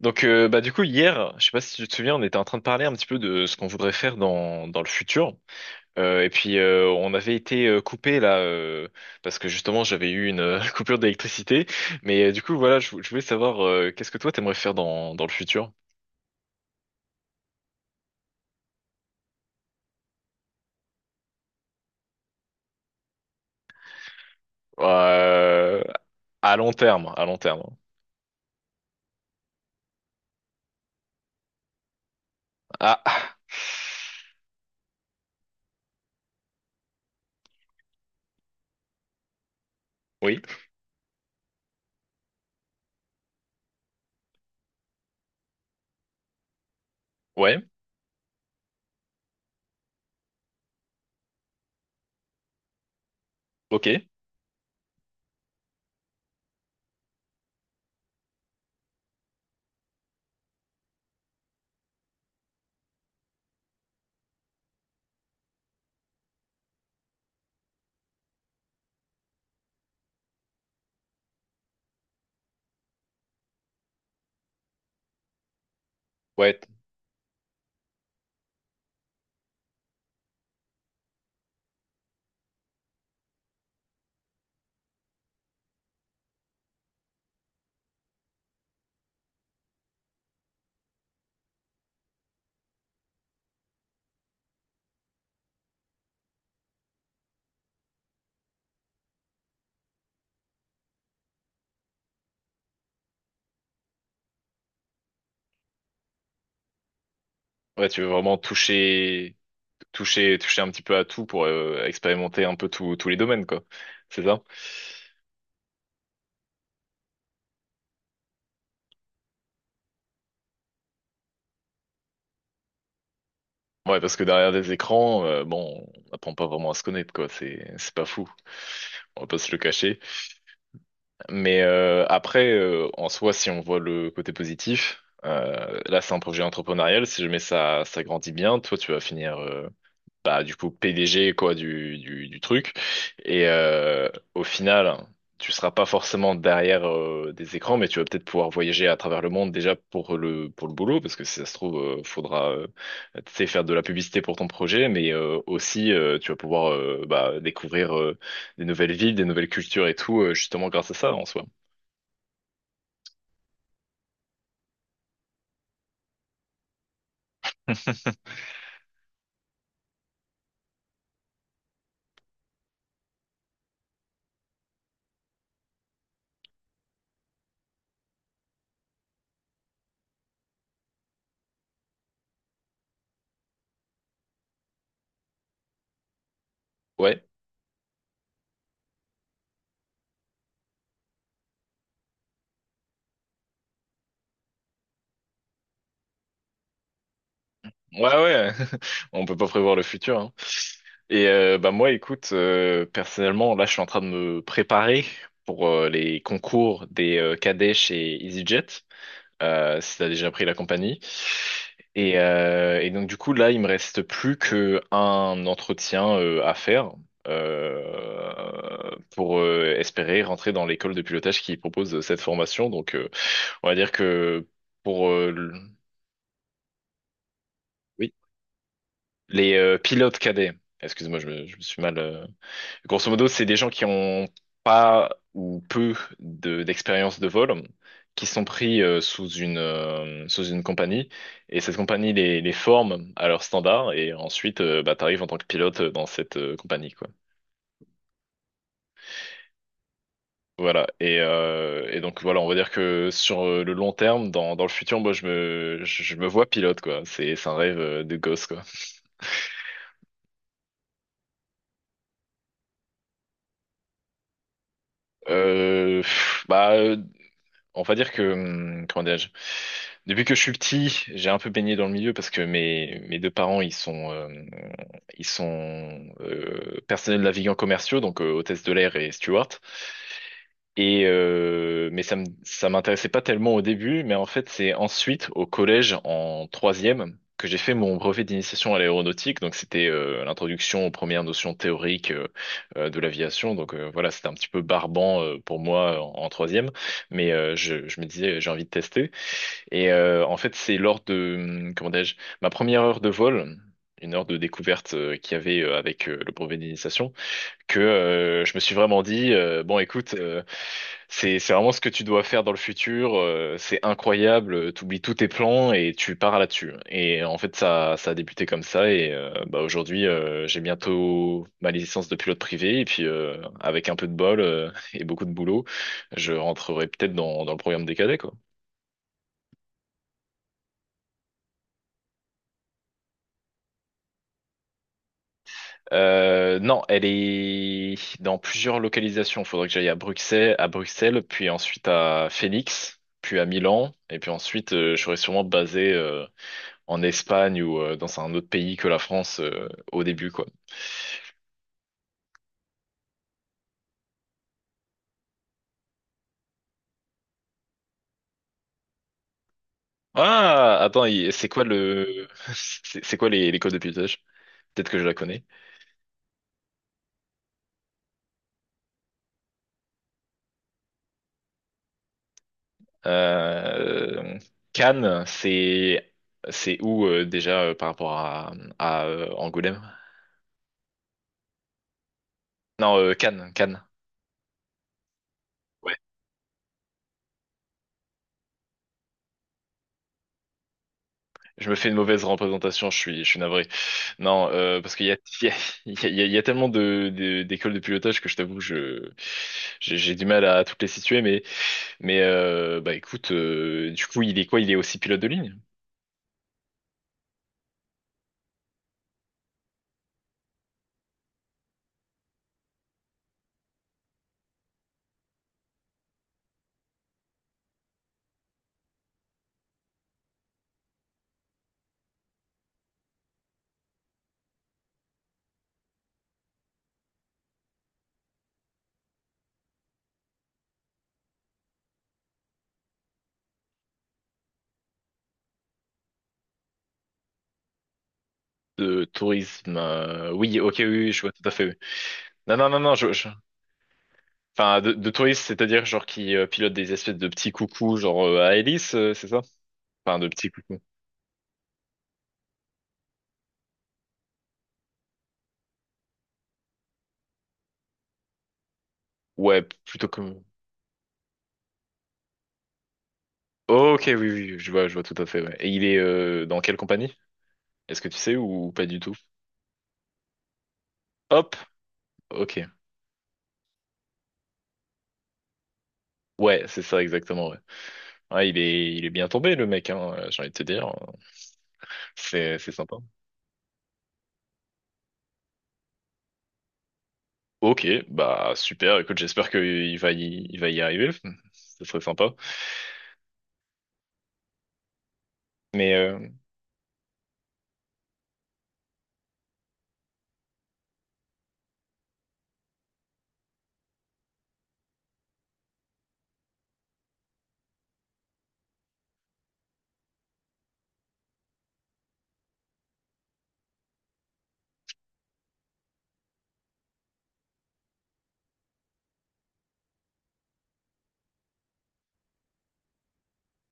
Du coup hier, je sais pas si tu te souviens, on était en train de parler un petit peu de ce qu'on voudrait faire dans le futur. Et puis On avait été coupé là parce que justement j'avais eu une coupure d'électricité. Du coup voilà, je voulais savoir qu'est-ce que toi t'aimerais faire dans le futur? Euh, à long terme, à long terme. Ah oui, ouais, ok, ouais, ouais, tu veux vraiment toucher toucher un petit peu à tout pour expérimenter un peu tous les domaines quoi. C'est ça? Ouais, parce que derrière des écrans, bon, on n'apprend pas vraiment à se connaître, quoi. C'est pas fou. On va pas se le cacher. En soi, si on voit le côté positif, là, c'est un projet entrepreneurial. Si jamais ça grandit bien, toi, tu vas finir bah, du coup PDG quoi du truc. Et euh, Au final, tu seras pas forcément derrière des écrans, mais tu vas peut-être pouvoir voyager à travers le monde déjà pour le boulot, parce que si ça se trouve, faudra tu sais faire de la publicité pour ton projet, mais aussi tu vas pouvoir bah, découvrir des nouvelles villes, des nouvelles cultures et tout, justement grâce à ça en soi. Ouais. Ouais, ouais, on peut pas prévoir le futur, hein. Bah moi, écoute, personnellement, là, je suis en train de me préparer pour les concours des cadets et EasyJet, si t'as déjà pris la compagnie. Et donc du coup, là, il me reste plus que un entretien à faire euh, pour espérer rentrer dans l'école de pilotage qui propose cette formation. Donc, on va dire que pour oui. Les pilotes cadets, excuse-moi, je me suis mal. Grosso modo, c'est des gens qui ont pas ou peu d'expérience de vol, qui sont pris sous sous une compagnie, et cette compagnie les forme à leurs standards, et ensuite, bah, t'arrives en tant que pilote dans cette compagnie, quoi. Voilà, et donc voilà, on va dire que sur le long terme, dans le futur, moi je me vois pilote, quoi. C'est un rêve de gosse, quoi. Pff, bah. On va dire que, comment dirais-je, depuis que je suis petit, j'ai un peu baigné dans le milieu parce que mes deux parents, ils sont personnels navigants commerciaux, donc hôtesse de l'air et steward. Mais ça m'intéressait pas tellement au début, mais en fait c'est ensuite au collège en troisième que j'ai fait mon brevet d'initiation à l'aéronautique. Donc c'était l'introduction aux premières notions théoriques de l'aviation. Donc voilà, c'était un petit peu barbant pour moi en troisième, mais je me disais j'ai envie de tester. En fait c'est lors de comment dirais-je ma première heure de vol. Une heure de découverte qu'il y avait avec le brevet d'initiation que je me suis vraiment dit, bon, écoute, c'est vraiment ce que tu dois faire dans le futur. C'est incroyable. T'oublies tous tes plans et tu pars là-dessus. Et en fait, ça a débuté comme ça. Bah aujourd'hui, j'ai bientôt ma licence de pilote privé. Et puis avec un peu de bol et beaucoup de boulot, je rentrerai peut-être dans le programme des cadets, quoi. Non, elle est dans plusieurs localisations. Il faudrait que j'aille à Bruxelles, puis ensuite à Phoenix, puis à Milan, et puis ensuite je serais sûrement basé en Espagne ou dans un autre pays que la France au début, quoi. Ah, attends, c'est quoi le, c'est quoi les codes de pilotage? Peut-être que je la connais. Euh, Cannes, c'est où déjà par rapport à Angoulême? Non, Cannes, Cannes. Je me fais une mauvaise représentation, je suis navré. Non, parce qu'il y a, il y a tellement d'écoles de pilotage que je t'avoue, j'ai du mal à toutes les situer, mais, bah écoute, du coup, il est quoi? Il est aussi pilote de ligne? De tourisme? Oui, ok, oui, oui, je vois tout à fait. Oui. Non, enfin, de tourisme, c'est-à-dire genre qui pilote des espèces de petits coucous, genre à hélice, c'est ça? Enfin, de petits coucous. Ouais, plutôt comme. Ok, oui, oui, oui, je vois tout à fait. Ouais. Et il est dans quelle compagnie? Est-ce que tu sais ou pas du tout? Hop, ok. Ouais, c'est ça exactement. Ouais. Ouais, il est bien tombé le mec, hein, j'ai envie de te dire. C'est sympa. Ok, bah super. Écoute, j'espère qu'il va y arriver. Ce serait sympa. Mais euh...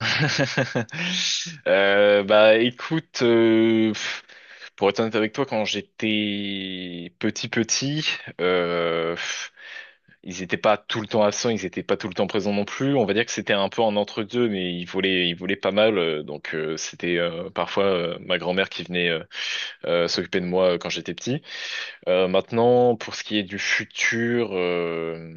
Bah écoute, pour être honnête avec toi, quand j'étais petit petit, euh, ils n'étaient pas tout le temps absents, ils n'étaient pas tout le temps présents non plus. On va dire que c'était un peu un entre-deux, mais ils volaient pas mal. Donc c'était parfois ma grand-mère qui venait s'occuper de moi quand j'étais petit. Maintenant, pour ce qui est du futur,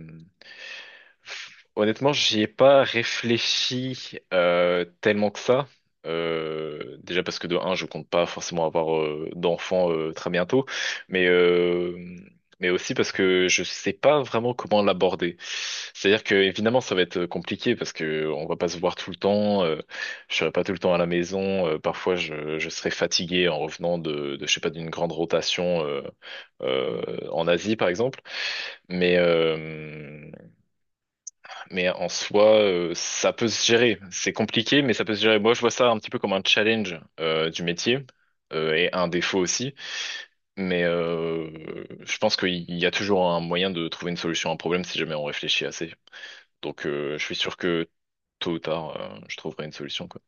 honnêtement, j'y ai pas réfléchi tellement que ça. Déjà parce que de un, je compte pas forcément avoir d'enfants très bientôt, mais euh, mais aussi parce que je sais pas vraiment comment l'aborder. C'est-à-dire que évidemment, ça va être compliqué parce que on va pas se voir tout le temps. Je serai pas tout le temps à la maison. Parfois, je serai fatigué en revenant de je sais pas d'une grande rotation en Asie, par exemple. Mais euh, mais en soi, ça peut se gérer. C'est compliqué, mais ça peut se gérer. Moi, je vois ça un petit peu comme un challenge du métier et un défaut aussi. Mais euh, je pense qu'il y a toujours un moyen de trouver une solution à un problème si jamais on réfléchit assez. Donc, je suis sûr que tôt ou tard, je trouverai une solution, quoi.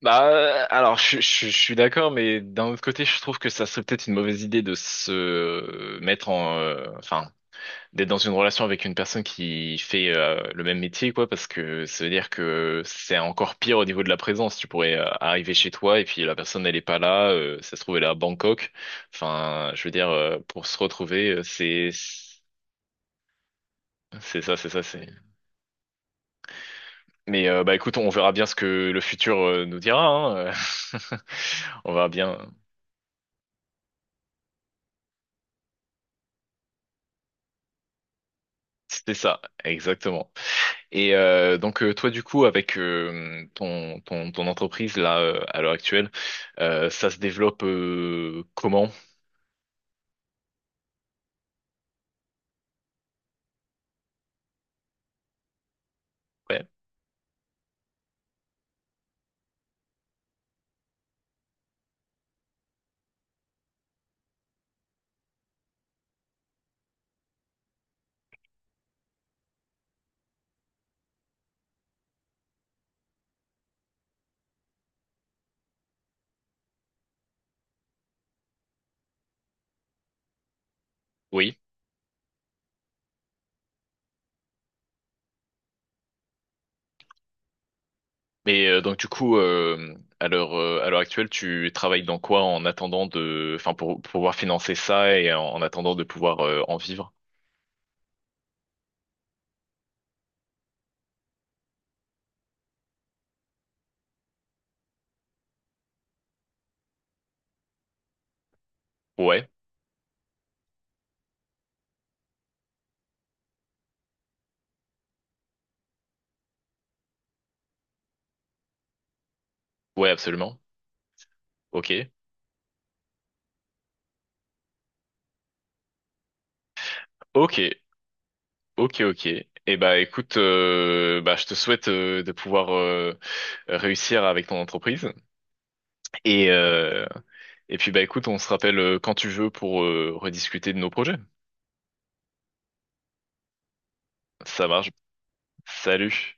Bah, alors, je suis d'accord, mais d'un autre côté, je trouve que ça serait peut-être une mauvaise idée de se mettre enfin, d'être dans une relation avec une personne qui fait le même métier, quoi, parce que ça veut dire que c'est encore pire au niveau de la présence. Tu pourrais arriver chez toi et puis la personne, elle est pas là, ça se trouve, elle est à Bangkok. Enfin, je veux dire, pour se retrouver, c'est... c'est... Bah écoute, on verra bien ce que le futur nous dira, hein. On verra bien. C'était ça, exactement. Toi du coup avec ton entreprise là à l'heure actuelle, ça se développe comment? Ouais, oui. Donc du coup à l'heure actuelle, tu travailles dans quoi en attendant de, enfin pour pouvoir financer ça et en attendant de pouvoir en vivre? Ouais, ouais absolument. Ok, ok, ok. Et bah écoute, bah je te souhaite de pouvoir réussir avec ton entreprise. Et, euh, et puis bah écoute, on se rappelle quand tu veux pour rediscuter de nos projets. Ça marche. Salut.